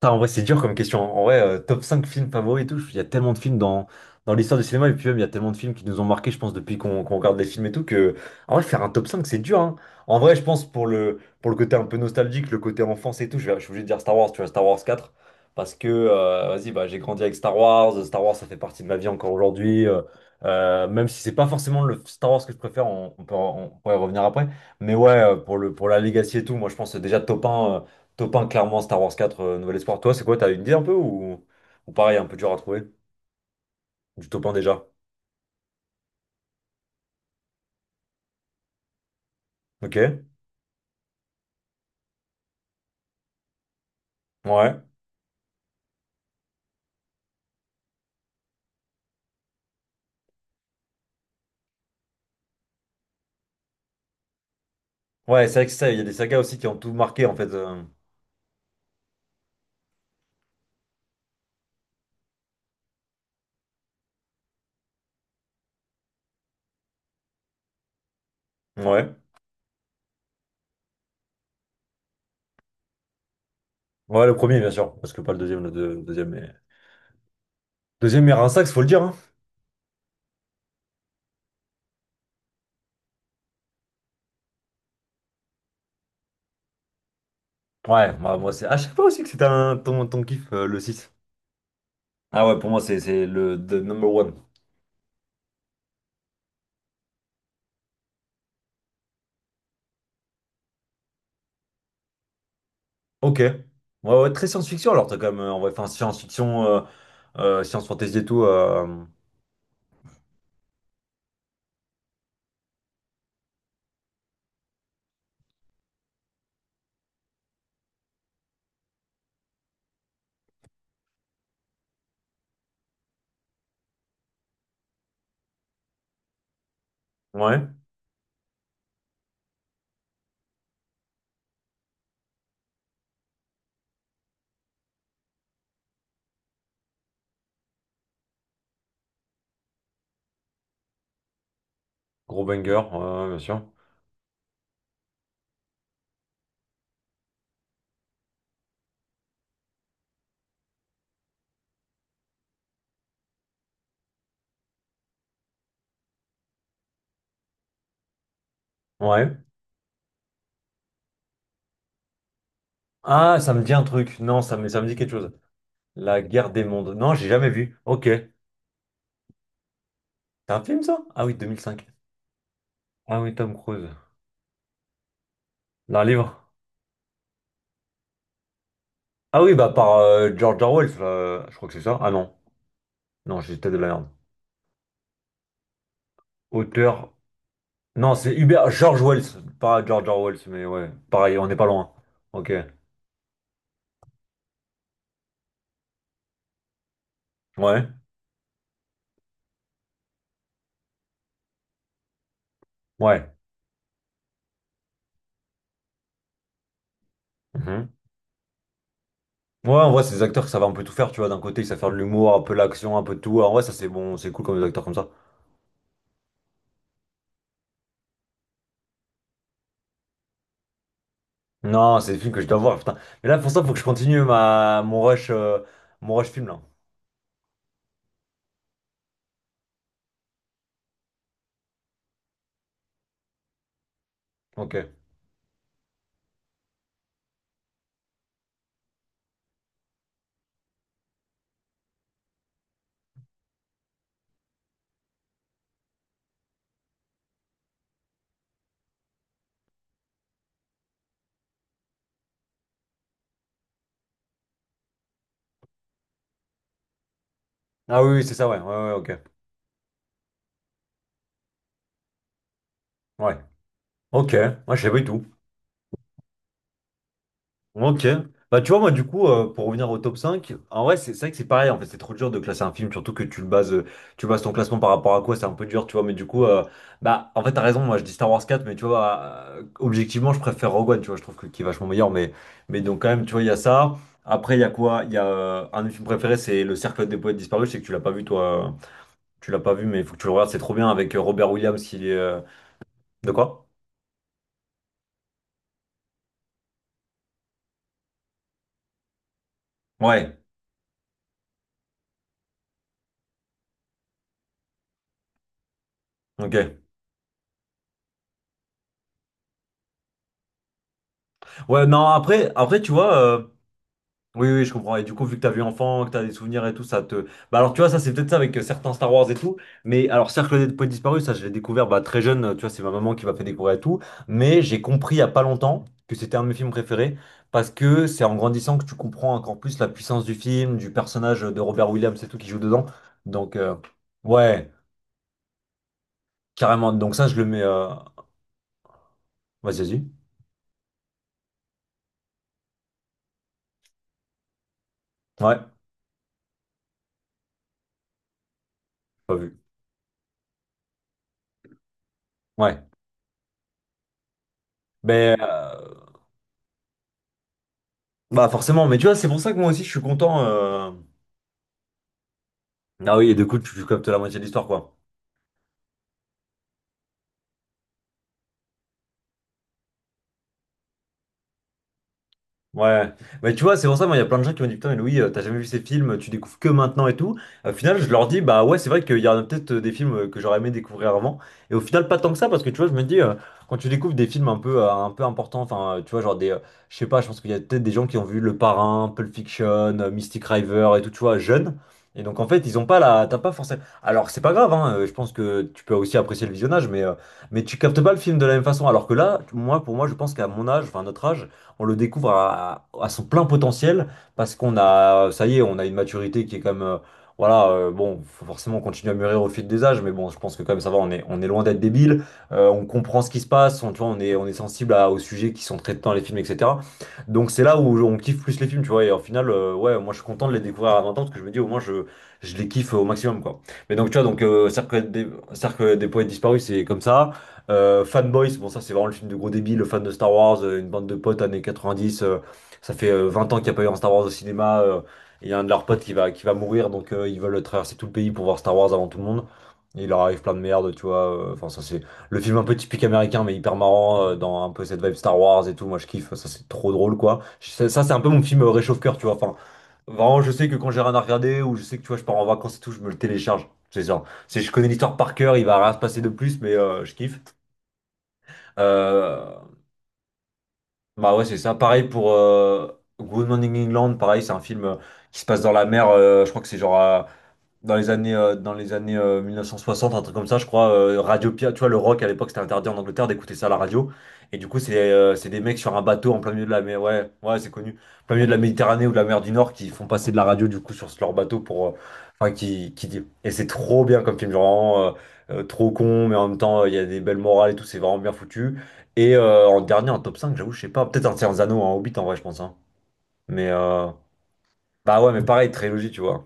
Putain, en vrai, c'est dur comme question. En vrai, top 5 films favoris et tout, il y a tellement de films dans l'histoire du cinéma, et puis même, il y a tellement de films qui nous ont marqués, je pense, depuis qu'on regarde les films et tout, en vrai, faire un top 5, c'est dur, hein. En vrai, je pense, pour le côté un peu nostalgique, le côté enfance et tout, je suis obligé de dire Star Wars, tu vois, Star Wars quatre parce que, vas-y, bah, j'ai grandi avec Star Wars, Star Wars, ça fait partie de ma vie encore aujourd'hui, même si c'est pas forcément le Star Wars que je préfère, on peut, on pourrait y revenir après, mais ouais, pour la legacy et tout, moi, je pense déjà top un. Top 1, clairement, Star Wars quatre Nouvel Espoir. Toi, c'est quoi? T'as une idée un peu ou pareil, un peu dur à trouver? Du top 1 déjà. Ok. Ouais. Ouais, c'est vrai que c'est ça, il y a des sagas aussi qui ont tout marqué en fait. Ouais. Ouais, le premier, bien sûr. Parce que pas le deuxième, le le deuxième est. Deuxième est un sax, faut le dire, hein. Ouais, moi c'est. Ah, je sais pas aussi que c'était un... ton kiff, le six. Ah ouais, pour moi, c'est le the number one. Ok. Ouais, ouais, très science-fiction alors, t'as quand même. En vrai, enfin, science-fiction, science fantasy et tout. Ouais. Gros banger, ouais, ouais, bien sûr. Ouais. Ah, ça me dit un truc. Non, ça me dit quelque chose. La guerre des mondes. Non, j'ai jamais vu. Ok. C'est un film, ça? Ah oui, 2005. Ah oui, Tom Cruise. D'un livre. Ah oui, bah par George Orwell. Je crois que c'est ça. Ah non. Non, j'ai peut-être de la merde. Auteur. Non, c'est Hubert George Wells. Pas George Orwell, mais ouais. Pareil, on n'est pas loin. Ok. Ouais. Ouais. Mhm. Ouais, en vrai, c'est des acteurs qui savent un peu tout faire, tu vois. D'un côté, ils savent faire de l'humour, un peu l'action, un peu de tout. En vrai, ça, c'est bon, c'est cool comme des acteurs comme ça. Non, c'est des films que je dois voir, putain. Mais là, pour ça, faut que je continue ma... mon rush film, là. Ok. Ah oui, oui, c'est ça, ouais. Ouais, ouais, ok. Ouais. Ok. Moi, je sais pas du tout. Ok. Bah, tu vois, moi, du coup, pour revenir au top 5. En vrai, c'est vrai que c'est pareil. En fait, c'est trop dur de classer un film, surtout que tu le bases, tu bases ton classement par rapport à quoi, c'est un peu dur, tu vois. Mais du coup, bah, en fait, t'as raison. Moi, je dis Star Wars quatre mais tu vois, objectivement, je préfère Rogue One, tu vois. Je trouve que qui est vachement meilleur, mais donc, quand même, tu vois, il y a ça. Après, il y a quoi? Il y a un de mes films préférés, c'est Le Cercle des poètes disparus. Je sais que tu l'as pas vu, toi. Tu l'as pas vu, mais il faut que tu le regardes. C'est trop bien avec Robert Williams, il est. De quoi? Ouais. Ok. Ouais, non, après, après, tu vois. Oui, oui, je comprends. Et du coup, vu que t'as vu enfant, que t'as des souvenirs et tout, ça te. Bah alors, tu vois, ça c'est peut-être ça avec certains Star Wars et tout. Mais alors, Cercle des Points Disparus, ça je l'ai découvert bah, très jeune. Tu vois, c'est ma maman qui m'a fait découvrir et tout. Mais j'ai compris il y a pas longtemps que c'était un de mes films préférés parce que c'est en grandissant que tu comprends encore plus la puissance du film, du personnage de Robert Williams et tout qui joue dedans. Donc, ouais, carrément. Donc ça, je le mets. Vas-y, vas-y. Ouais, pas vu. Ouais. Mais bah forcément. Mais tu vois, c'est pour ça que moi aussi, je suis content. Ah oui, et du coup, tu captes la moitié de l'histoire, quoi. Ouais, mais tu vois, c'est pour ça, moi, il y a plein de gens qui m'ont dit, putain, mais Louis, t'as jamais vu ces films, tu découvres que maintenant et tout. Au final, je leur dis, bah ouais, c'est vrai qu'il y a peut-être des films que j'aurais aimé découvrir avant. Et au final, pas tant que ça, parce que tu vois, je me dis, quand tu découvres des films un peu importants, enfin, tu vois, je sais pas, je pense qu'il y a peut-être des gens qui ont vu Le Parrain, Pulp Fiction, Mystic River et tout, tu vois, jeunes. Et donc, en fait, ils ont pas la, t'as pas forcément. Alors, c'est pas grave, hein, je pense que tu peux aussi apprécier le visionnage, mais tu captes pas le film de la même façon. Alors que là, moi, pour moi, je pense qu'à mon âge, enfin, à notre âge, on le découvre à son plein potentiel parce qu'on a, ça y est, on a une maturité qui est comme, voilà, bon, faut forcément continuer à mûrir au fil des âges, mais bon, je pense que quand même ça va, on est loin d'être débile, on comprend ce qui se passe, on, tu vois, on est sensible aux sujets qui sont traités dans les films, etc. Donc c'est là où on kiffe plus les films, tu vois, et au final, ouais, moi je suis content de les découvrir à 20 ans parce que je me dis au moins je les kiffe au maximum, quoi. Mais donc tu vois, donc Cercle des poètes disparus, c'est comme ça. Fanboys, bon ça c'est vraiment le film de gros débile, fan de Star Wars, une bande de potes années 90, ça fait 20 ans qu'il n'y a pas eu un Star Wars au cinéma, et il y a un de leurs potes qui va mourir, donc ils veulent traverser tout le pays pour voir Star Wars avant tout le monde. Et il leur arrive plein de merde, tu vois. Enfin, ça c'est le film un peu typique américain, mais hyper marrant, dans un peu cette vibe Star Wars et tout. Moi, je kiffe, ça c'est trop drôle, quoi. Ça, c'est un peu mon film réchauffe-cœur, tu vois. Enfin, vraiment, je sais que quand j'ai rien à regarder ou je sais que tu vois, je pars en vacances et tout, je me le télécharge. C'est ça. C'est, je connais l'histoire par cœur, il va rien se passer de plus, mais je kiffe. Euh, Bah ouais, c'est ça. Pareil pour Good Morning England, pareil, c'est un film qui se passe dans la mer. Je crois que c'est genre dans les années 1960, un truc comme ça, je crois. Radio Pirate, tu vois, le rock à l'époque, c'était interdit en Angleterre d'écouter ça à la radio. Et du coup, c'est des mecs sur un bateau en plein milieu de la mer. Ouais, ouais, c'est connu. Plein milieu de la Méditerranée ou de la mer du Nord qui font passer de la radio du coup sur leur bateau pour. Enfin, qui dit. Et c'est trop bien comme film, genre, vraiment, trop con, mais en même temps, il y a des belles morales et tout, c'est vraiment bien foutu. Et en dernier, en top 5, j'avoue, je sais pas. Peut-être un Seigneur des Anneaux, un Hobbit en vrai, je pense, hein. Mais bah ouais, mais pareil, trilogie, tu vois.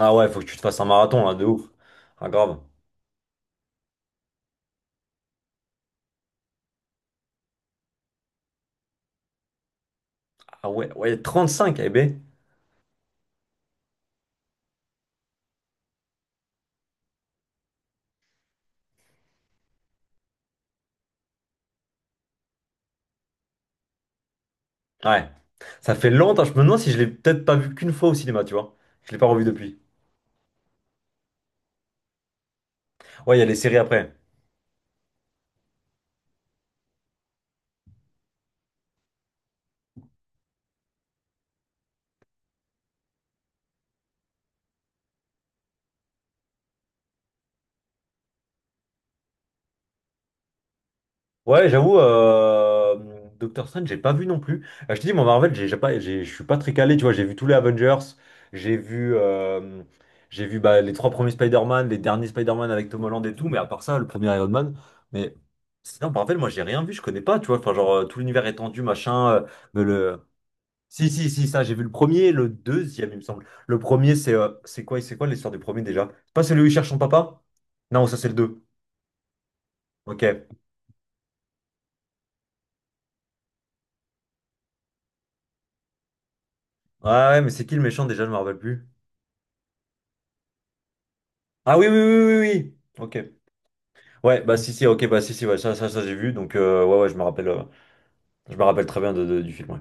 Ah ouais, faut que tu te fasses un marathon là, de ouf. Ah grave. Ah ouais, ouais, 35, eh ben. Ouais. Ça fait longtemps, je me demande si je l'ai peut-être pas vu qu'une fois au cinéma, tu vois. Je l'ai pas revu depuis. Ouais, il y a les séries après. Ouais, j'avoue, Doctor Strange, j'ai pas vu non plus. Je te dis, moi, Marvel, j'ai pas, j'ai- je suis pas très calé, tu vois. J'ai vu tous les Avengers, j'ai vu, euh, j'ai vu bah, les trois premiers Spider-Man, les derniers Spider-Man avec Tom Holland et tout, mais à part ça, le premier Iron Man. Mais sinon, Marvel, moi, j'ai rien vu, je connais pas, tu vois. Enfin, genre, tout l'univers étendu, machin. Mais le, Si, si, si, ça, j'ai vu le premier, le deuxième, il me semble. Le premier, c'est c'est quoi l'histoire du premier déjà? C'est pas celui où il cherche son papa? Non, ça, c'est le deux. Ok. Ouais, ouais, mais c'est qui le méchant déjà, je me rappelle plus. Ah oui, oui, oui, oui, oui, oui. Ok. Ouais, bah si, si, ok, bah si, si, ouais, ça, j'ai vu, donc ouais, ouais, je me rappelle très bien du film, ouais.